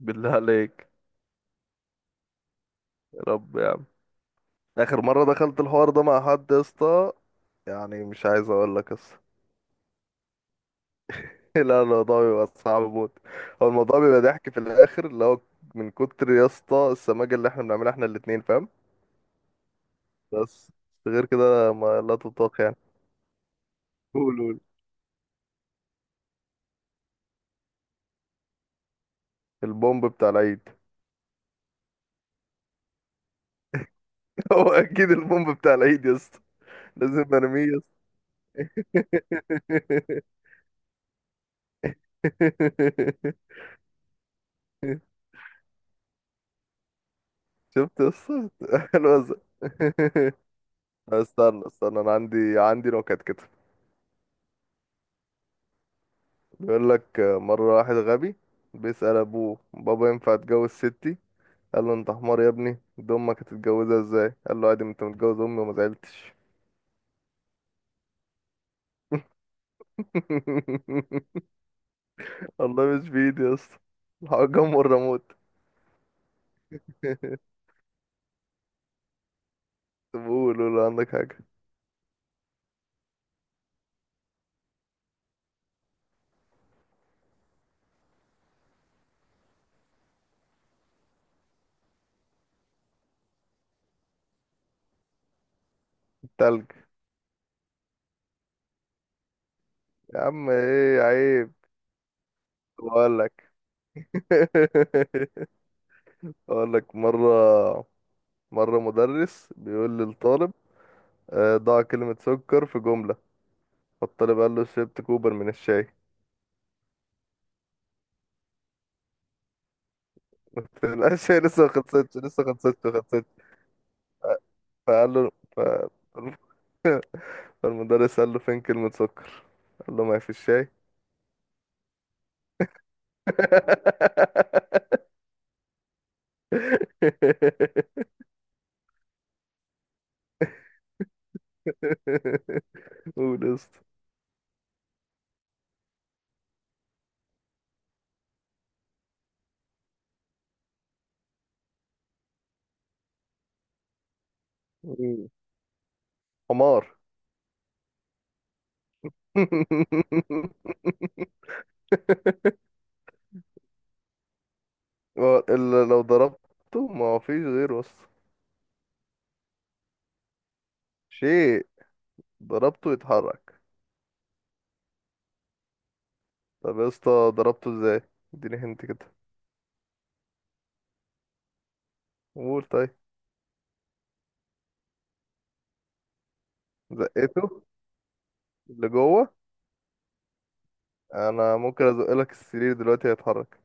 بالله عليك. يا رب يا عم، اخر مره دخلت الحوار ده مع حد يا اسطى، يعني مش عايز اقول لك قصه. لا، الموضوع بيبقى صعب موت. هو الموضوع بيبقى ضحك في الاخر، اللي هو من كتر يا اسطى السماجه اللي احنا بنعملها احنا الاتنين فاهم. بس غير كده ما لا تطاق يعني. قول قول. البومب بتاع العيد. هو اكيد البومب بتاع العيد يا اسطى. لازم ارميه يا اسطى. شفت يا اسطى؟ الوزن. استنى استنى، انا عندي نكت كده. بيقول لك مره واحد غبي بيسأل ابوه: بابا ينفع اتجوز ستي؟ قال له انت حمار يا ابني، دي امك هتتجوزها ازاي؟ قال له عادي، ما انت متجوز امي وما زعلتش. والله مش بايدي يا اسطى. الحجام والريموت. طب قول قول، عندك حاجه. تلج. يا عم ايه عيب. بقول لك. اقول لك مره مدرس بيقول للطالب: ضع كلمه سكر في جمله. فالطالب قال له: شربت كوبر من الشاي. قلت له لا، الشاي لسه ما خلصتش لسه ما خلصتش ما خلصتش. فقال له فالمدرس قال له: فين كلمة سكر؟ قال له ما هي في الشاي. قول يا اسطى. حمار. هو اللي لو ضربته ما هو فيش غيره اصلا. شيء ضربته يتحرك. طب يا اسطى ضربته ازاي؟ اديني هنت كده. قول طيب. زقته. اللي جوه. انا ممكن ازق لك السرير دلوقتي هيتحرك.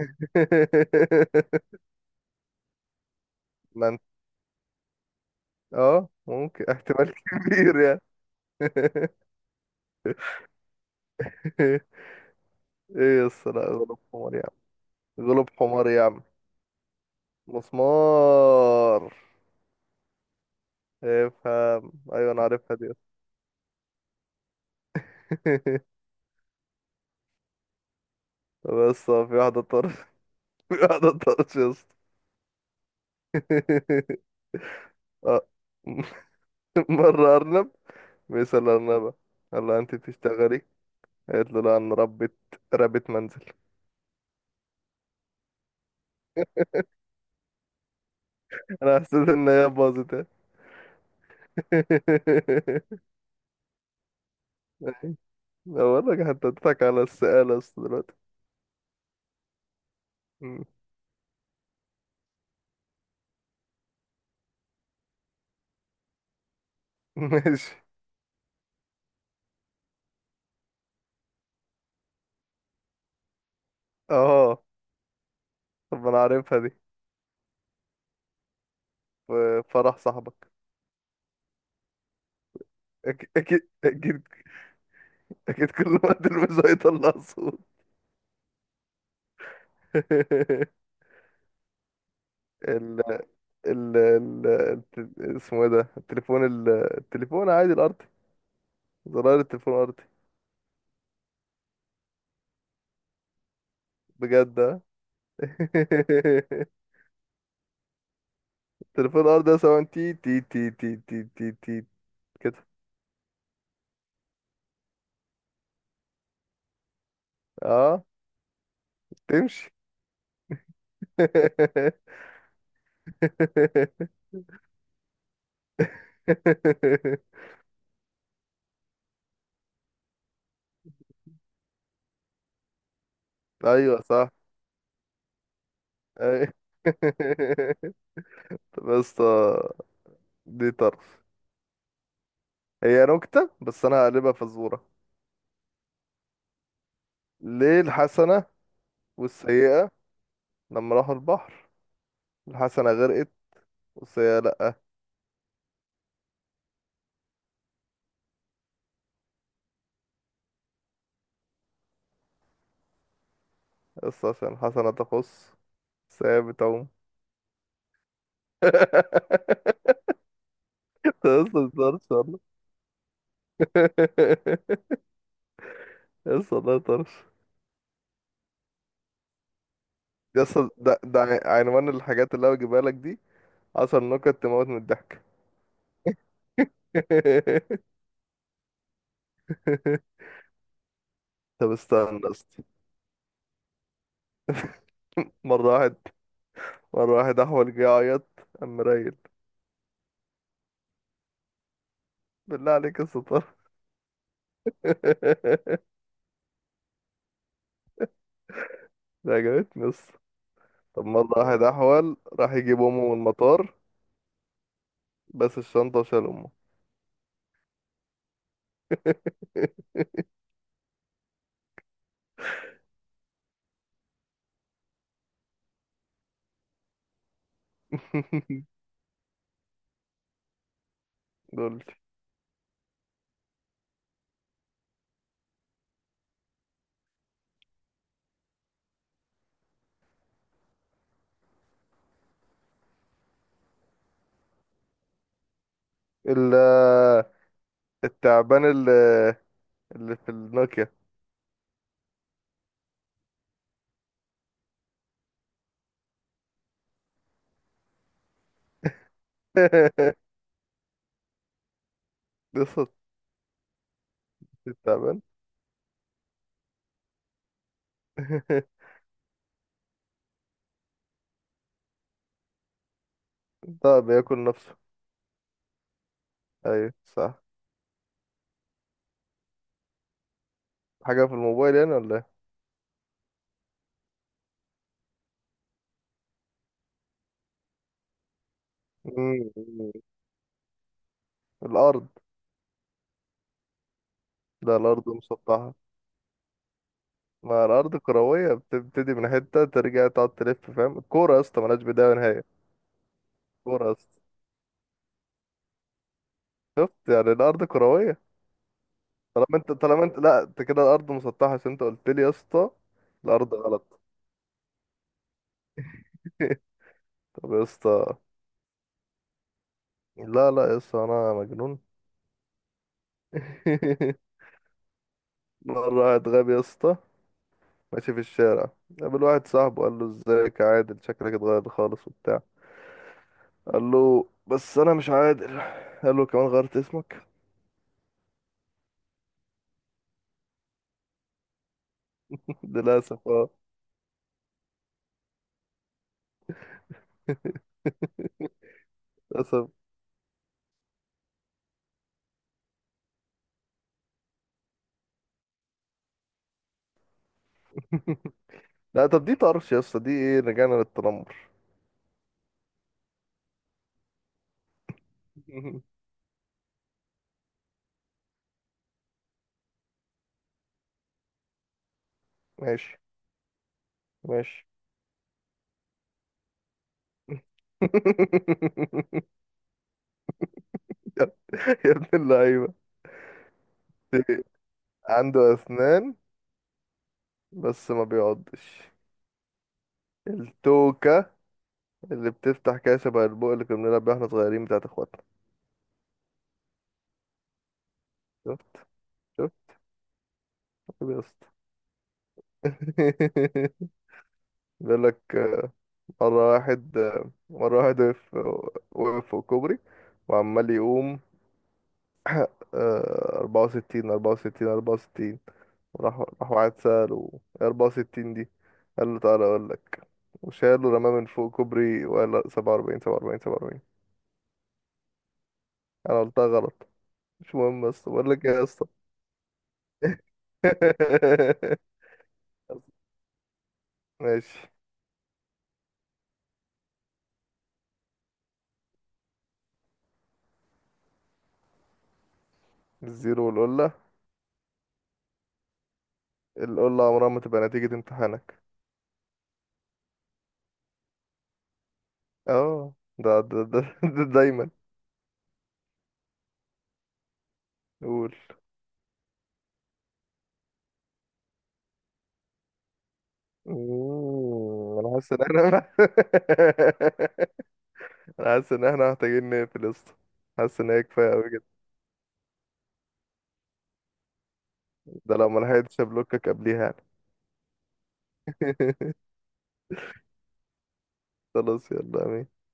ما انت. اه، ممكن، احتمال كبير يعني. ايه يس لا غلب حمار يا عم. غلب حمار يا عم. مسمار. افهم، ايوه انا عارفها دي. طب بس في واحدة طرش. في واحدة طرش يا اسطى. اه. مرة أرنب بيسأل أرنبة، قال لها: أنت بتشتغلي؟ قالت له: لا، أنا ربة، ربة منزل. انا حسيت ان هي باظت يعني. أنا بقول لك، حتى اديتك على السقالة بس دلوقتي. مم. ماشي. اه طب، ما انا عارفها دي. في فرح صاحبك. اكيد اكيد. اكيد كل ما تلبسه هيطلع صوت. ال اسمه ايه ده؟ التليفون عادي الارضي. زرار التليفون الارضي. بجد آه. التليفون الارضي ده سواء تي تي تي تي تي تي تي كده. اه، تمشي. ايوه صح. أي- طب يا اسطى، دي طرف. هي نكتة بس انا هقلبها فزورة. ليه الحسنة والسيئة لما راحوا البحر الحسنة غرقت والسيئة لأ؟ بس عشان الحسنة تخص، السيئة بتعوم. يا اسطى ده طرش والله. يا اسطى ده طرش. يا اسطى ده عنوان الحاجات اللي انا بجيبها لك دي: عشر نكت تموت من الضحك. طب استنى استنى. مرة واحد مرة واحد أحول جه يعيط، قام رايل: بالله عليك يا ستار. ده عجبتني بس. طب مرة واحد أحول راح يجيب أمه من المطار، بس الشنطة وشال أمه. دول. ال التعبان اللي في النوكيا. قصة التعبان. ده بياكل نفسه. أيوة صح. حاجة في الموبايل يعني ولا إيه؟ مم. الأرض. لا، الأرض مسطحة، ما الأرض كروية، بتبتدي من حتة ترجع تقعد تلف فاهم؟ الكورة يا اسطى ملهاش بداية ونهاية. الكورة يا اسطى. شفت؟ يعني الأرض كروية. طالما انت لا، انت كده الأرض مسطحة عشان انت قلت لي يا اسطى. الأرض غلط. طب يا اسطى، لا لا يا اسطى أنا مجنون. مرة واحد غبي يا اسطى ماشي في الشارع، قابل واحد صاحبه قال له: ازيك يا عادل، شكلك اتغير خالص وبتاع. قال له بس أنا مش عادل. قال له كمان غيرت اسمك. للأسف اه. للأسف. لا طب دي طرش يا اسطى، دي ايه رجعنا للتنمر. ماشي ماشي. يا يا ابن اللعيبة. عنده أسنان بس ما بيعضش. التوكة اللي بتفتح كده شبه البوق اللي كنا بنلعب بيه واحنا صغيرين بتاعت اخواتنا. شفت، شفت. طيب يا اسطى. بيقول لك مرة واحد، وقف فوق كوبري وعمال يقوم آه، أربعة وستين أربعة وستين أربعة وستين. راح واحد سأله: إيه أربعة وستين دي؟ قال له تعالى أقول لك، وشاله رماه من فوق كوبري وقال: لا، سبعة وأربعين سبعة وأربعين سبعة وأربعين. أنا قلتها غلط، مش مهم، بس بقول لك إيه يا اسطى. ماشي. الزيرو والقلة. القلة عمرها ما تبقى نتيجة امتحانك. اه، ده ده ده, ده دايما. قول. انا حاسس ان انا انا حاسس ان احنا محتاجين نقفل يا اسطى. حاسس ان هي كفايه قوي كده. ده لو ما لحقتش ابلوكك قبليها يعني. خلاص يلا امين.